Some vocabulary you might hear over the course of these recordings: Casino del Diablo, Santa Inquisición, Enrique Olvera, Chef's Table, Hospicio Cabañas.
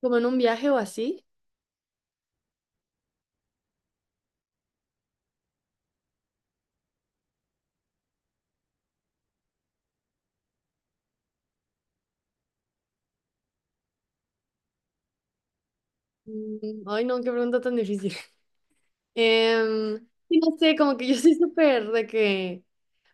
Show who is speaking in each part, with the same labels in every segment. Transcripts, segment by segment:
Speaker 1: Como en un viaje o así. Mm. Ay, no, qué pregunta tan difícil. Em, sí, no sé, como que yo soy súper de que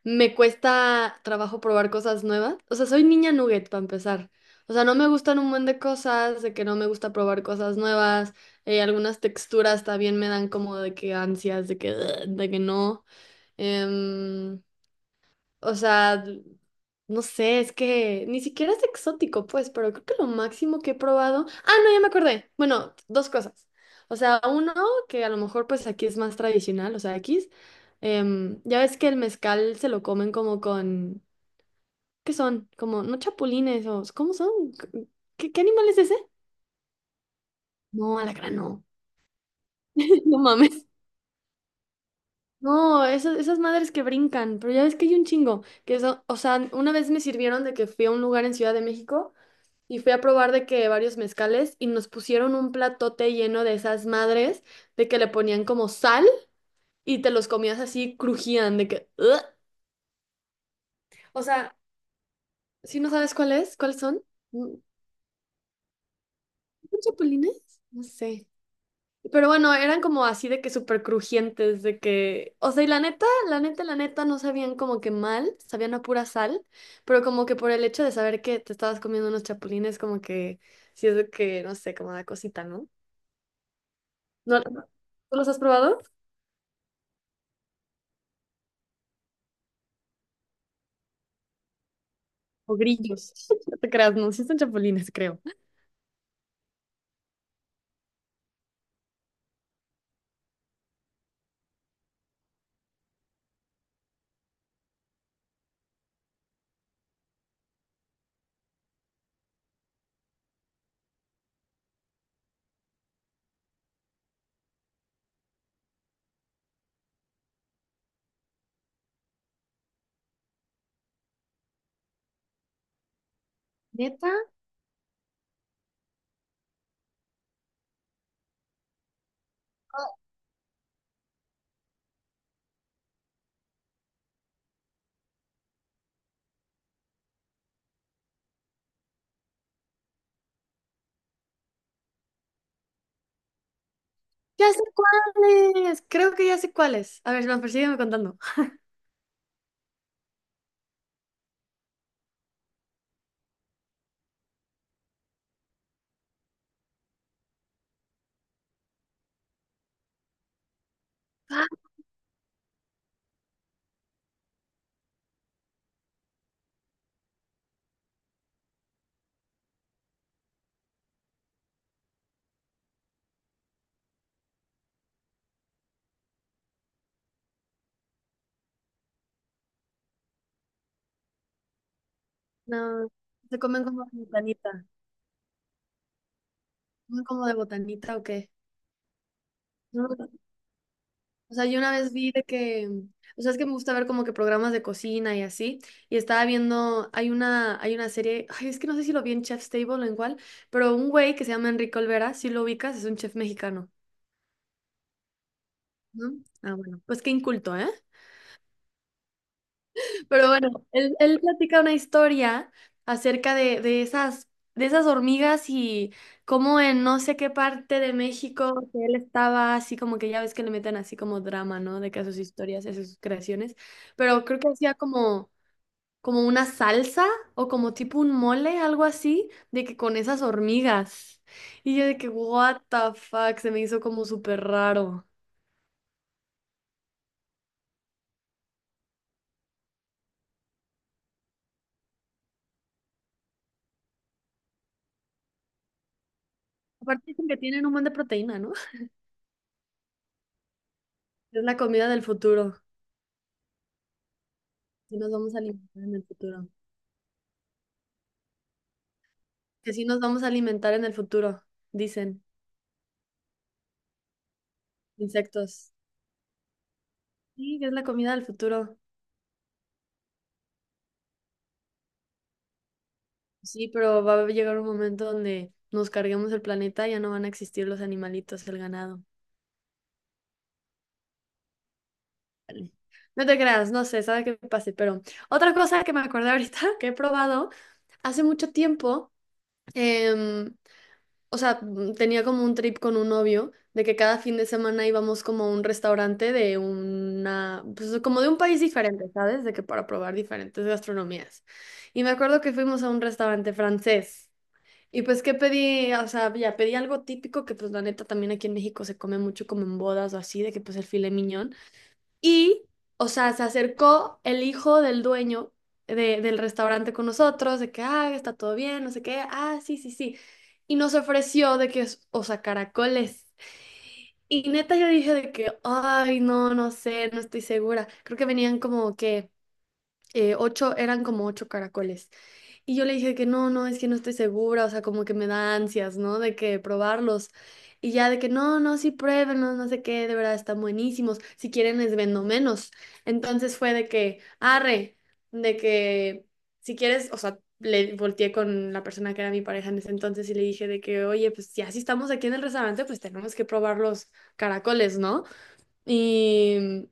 Speaker 1: me cuesta trabajo probar cosas nuevas. O sea, soy niña nugget para empezar. O sea, no me gustan un buen de cosas, de que no me gusta probar cosas nuevas. Algunas texturas también me dan como de que ansias, de que, "Ugh", de que no. Em, o sea, No sé, es que ni siquiera es exótico, pues, pero creo que lo máximo que he probado. Ah, no, ya me acordé. Bueno, dos cosas. O sea, uno, que a lo mejor pues aquí es más tradicional, o sea, aquí es, ya ves que el mezcal se lo comen como con, ¿qué son? Como, ¿no chapulines, o cómo son? ¿Qué animal es ese? No, alacrán, no. No mames. No, esas, esas madres que brincan, pero ya ves que hay un chingo, que eso, o sea, una vez me sirvieron de que fui a un lugar en Ciudad de México, y fui a probar de que varios mezcales y nos pusieron un platote lleno de esas madres, de que le ponían como sal y te los comías así, crujían de que... "Ugh". O sea, si no sabes cuál es, ¿cuáles son? Mm. ¿Son chapulines? No sé. Pero bueno, eran como así de que súper crujientes, de que... O sea, y la neta, la neta, la neta, no sabían como que mal, sabían a pura sal, pero como que por el hecho de saber que te estabas comiendo unos chapulines, como que... Si es de que, no sé, como da cosita, ¿no? ¿No? ¿Tú los has probado? O grillos. No te creas, no, sí son chapulines, creo. ¿Neta? Ya sé cuáles. Creo que ya sé cuáles. A ver, más persígueme contando. Ah, no, se comen como de botanita. ¿Comen como de botanita o qué? No, o sea, yo una vez vi de que, o sea, es que me gusta ver como que programas de cocina y así, y estaba viendo, hay una serie, ay, es que no sé si lo vi en Chef's Table o en cuál, pero un güey que se llama Enrique Olvera, si lo ubicas, es un chef mexicano, ¿no? Ah, bueno, pues qué inculto, ¿eh? Pero bueno, él platica una historia acerca de esas hormigas y cómo en no sé qué parte de México que él estaba así como que ya ves que le meten así como drama, ¿no? De que a sus historias, a sus creaciones. Pero creo que hacía como, como una salsa o como tipo un mole, algo así, de que con esas hormigas. Y yo de que, what the fuck, se me hizo como súper raro. Aparte dicen que tienen un montón de proteína, ¿no? Es la comida del futuro. Y nos vamos a alimentar en el futuro, que sí nos vamos a alimentar en el futuro, dicen, insectos. Sí, que es la comida del futuro. Sí, pero va a llegar un momento donde nos carguemos el planeta y ya no van a existir los animalitos, el ganado. Vale. No te creas, no sé, sabe qué pase, pero otra cosa que me acordé ahorita que he probado hace mucho tiempo. em, Tenía como un trip con un novio de que cada fin de semana íbamos como a un restaurante de una, pues como de un país diferente, ¿sabes? De que para probar diferentes gastronomías. Y me acuerdo que fuimos a un restaurante francés. Y pues, ¿qué pedí? O sea, ya pedí algo típico que pues la neta también aquí en México se come mucho como en bodas o así, de que pues el filet mignon. Y, o sea, se acercó el hijo del dueño del restaurante con nosotros, de que, ah, está todo bien, no sé qué, ah, sí, sí, sí. Y nos ofreció de que, o sea, caracoles. Y neta yo dije de que, ay, no, no sé, no estoy segura. Creo que venían como que ocho, eran como ocho caracoles. Y yo le dije que no, no, es que no estoy segura, o sea, como que me da ansias, ¿no? De que probarlos. Y ya de que no, no, sí pruébenlos, no sé qué, de verdad están buenísimos. Si quieren les vendo menos. Entonces fue de que, arre, de que si quieres, o sea, le volteé con la persona que era mi pareja en ese entonces y le dije de que, oye, pues ya si estamos aquí en el restaurante, pues tenemos que probar los caracoles, ¿no? Y,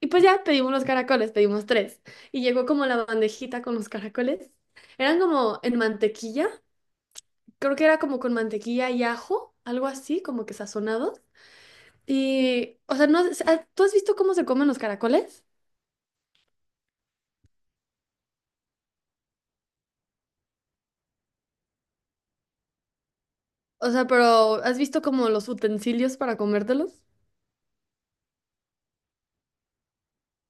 Speaker 1: y pues ya pedimos los caracoles, pedimos tres. Y llegó como la bandejita con los caracoles. Eran como en mantequilla, creo que era como con mantequilla y ajo, algo así, como que sazonados. Y, o sea, no, ¿tú has visto cómo se comen los caracoles? O sea, pero ¿has visto como los utensilios para comértelos?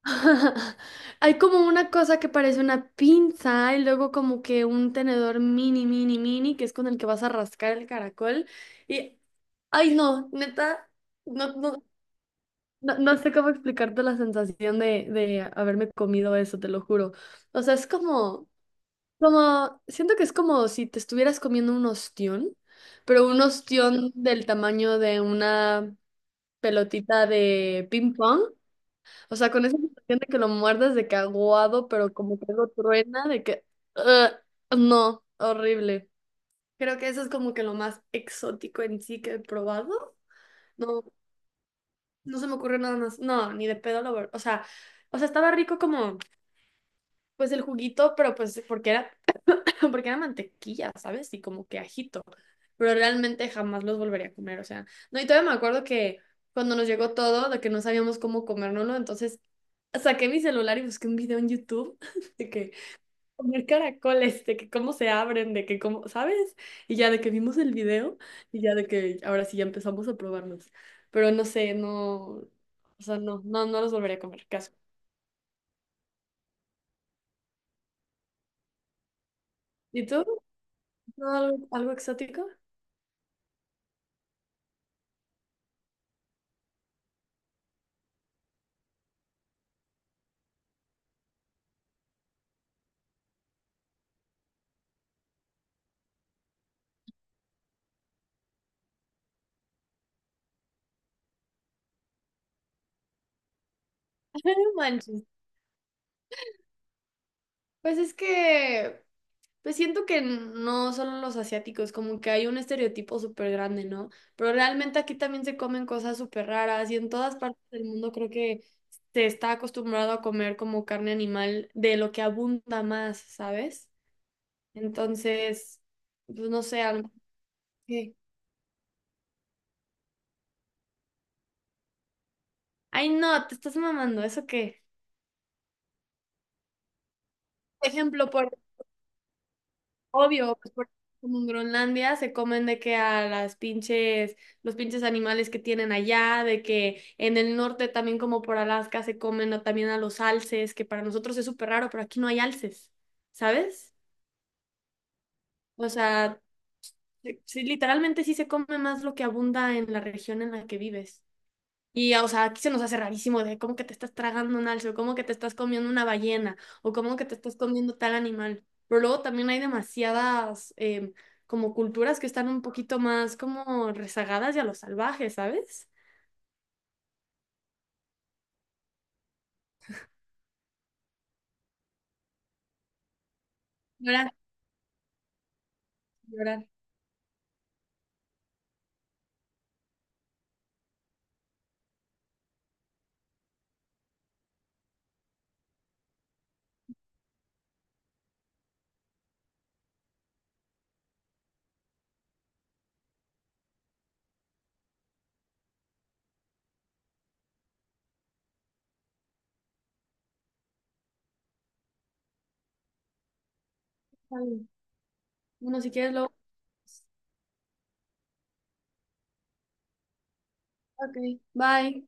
Speaker 1: Hay como una cosa que parece una pinza y luego como que un tenedor mini, mini, mini, que es con el que vas a rascar el caracol. Y, ay no, neta, no, no, no, no sé cómo explicarte la sensación de haberme comido eso, te lo juro. O sea, es como, como, siento que es como si te estuvieras comiendo un ostión, pero un ostión del tamaño de una pelotita de ping pong. O sea, con esa sensación de que lo muerdes de caguado, pero como que lo truena, de que... "Ugh, no, horrible. Creo que eso es como que lo más exótico en sí que he probado. No, no se me ocurre nada más. No, ni de pedo lo... o sea, estaba rico como, pues el juguito, pero pues porque era porque era mantequilla, ¿sabes? Y como que ajito. Pero realmente jamás los volvería a comer, o sea, no, y todavía me acuerdo que cuando nos llegó todo, de que no sabíamos cómo comérnoslo, entonces saqué mi celular y busqué un video en YouTube de que comer caracoles, de que cómo se abren, de que cómo, ¿sabes? Y ya de que vimos el video y ya de que ahora sí ya empezamos a probarnos. Pero no sé, no, o sea, no, no, no los volvería a comer, caso. ¿Y tú? ¿No, algo, algo exótico? No manches. Pues es que pues siento que no solo los asiáticos, como que hay un estereotipo súper grande, ¿no? Pero realmente aquí también se comen cosas súper raras y en todas partes del mundo creo que se está acostumbrado a comer como carne animal de lo que abunda más, ¿sabes? Entonces, pues no sé, algo que... Ay, no, te estás mamando, ¿eso qué? Ejemplo, por obvio, pues como en Groenlandia se comen de que a las pinches, los pinches animales que tienen allá, de que en el norte también como por Alaska se comen también a los alces, que para nosotros es súper raro, pero aquí no hay alces, ¿sabes? O sea, sí, sí, literalmente sí se come más lo que abunda en la región en la que vives. Y, o sea, aquí se nos hace rarísimo de cómo que te estás tragando un alce, o cómo que te estás comiendo una ballena, o cómo que te estás comiendo tal animal. Pero luego también hay demasiadas como culturas que están un poquito más como rezagadas y a lo salvaje, ¿sabes? Llorar, llorar. Está bien. Bueno, si quieres luego. Ok, bye.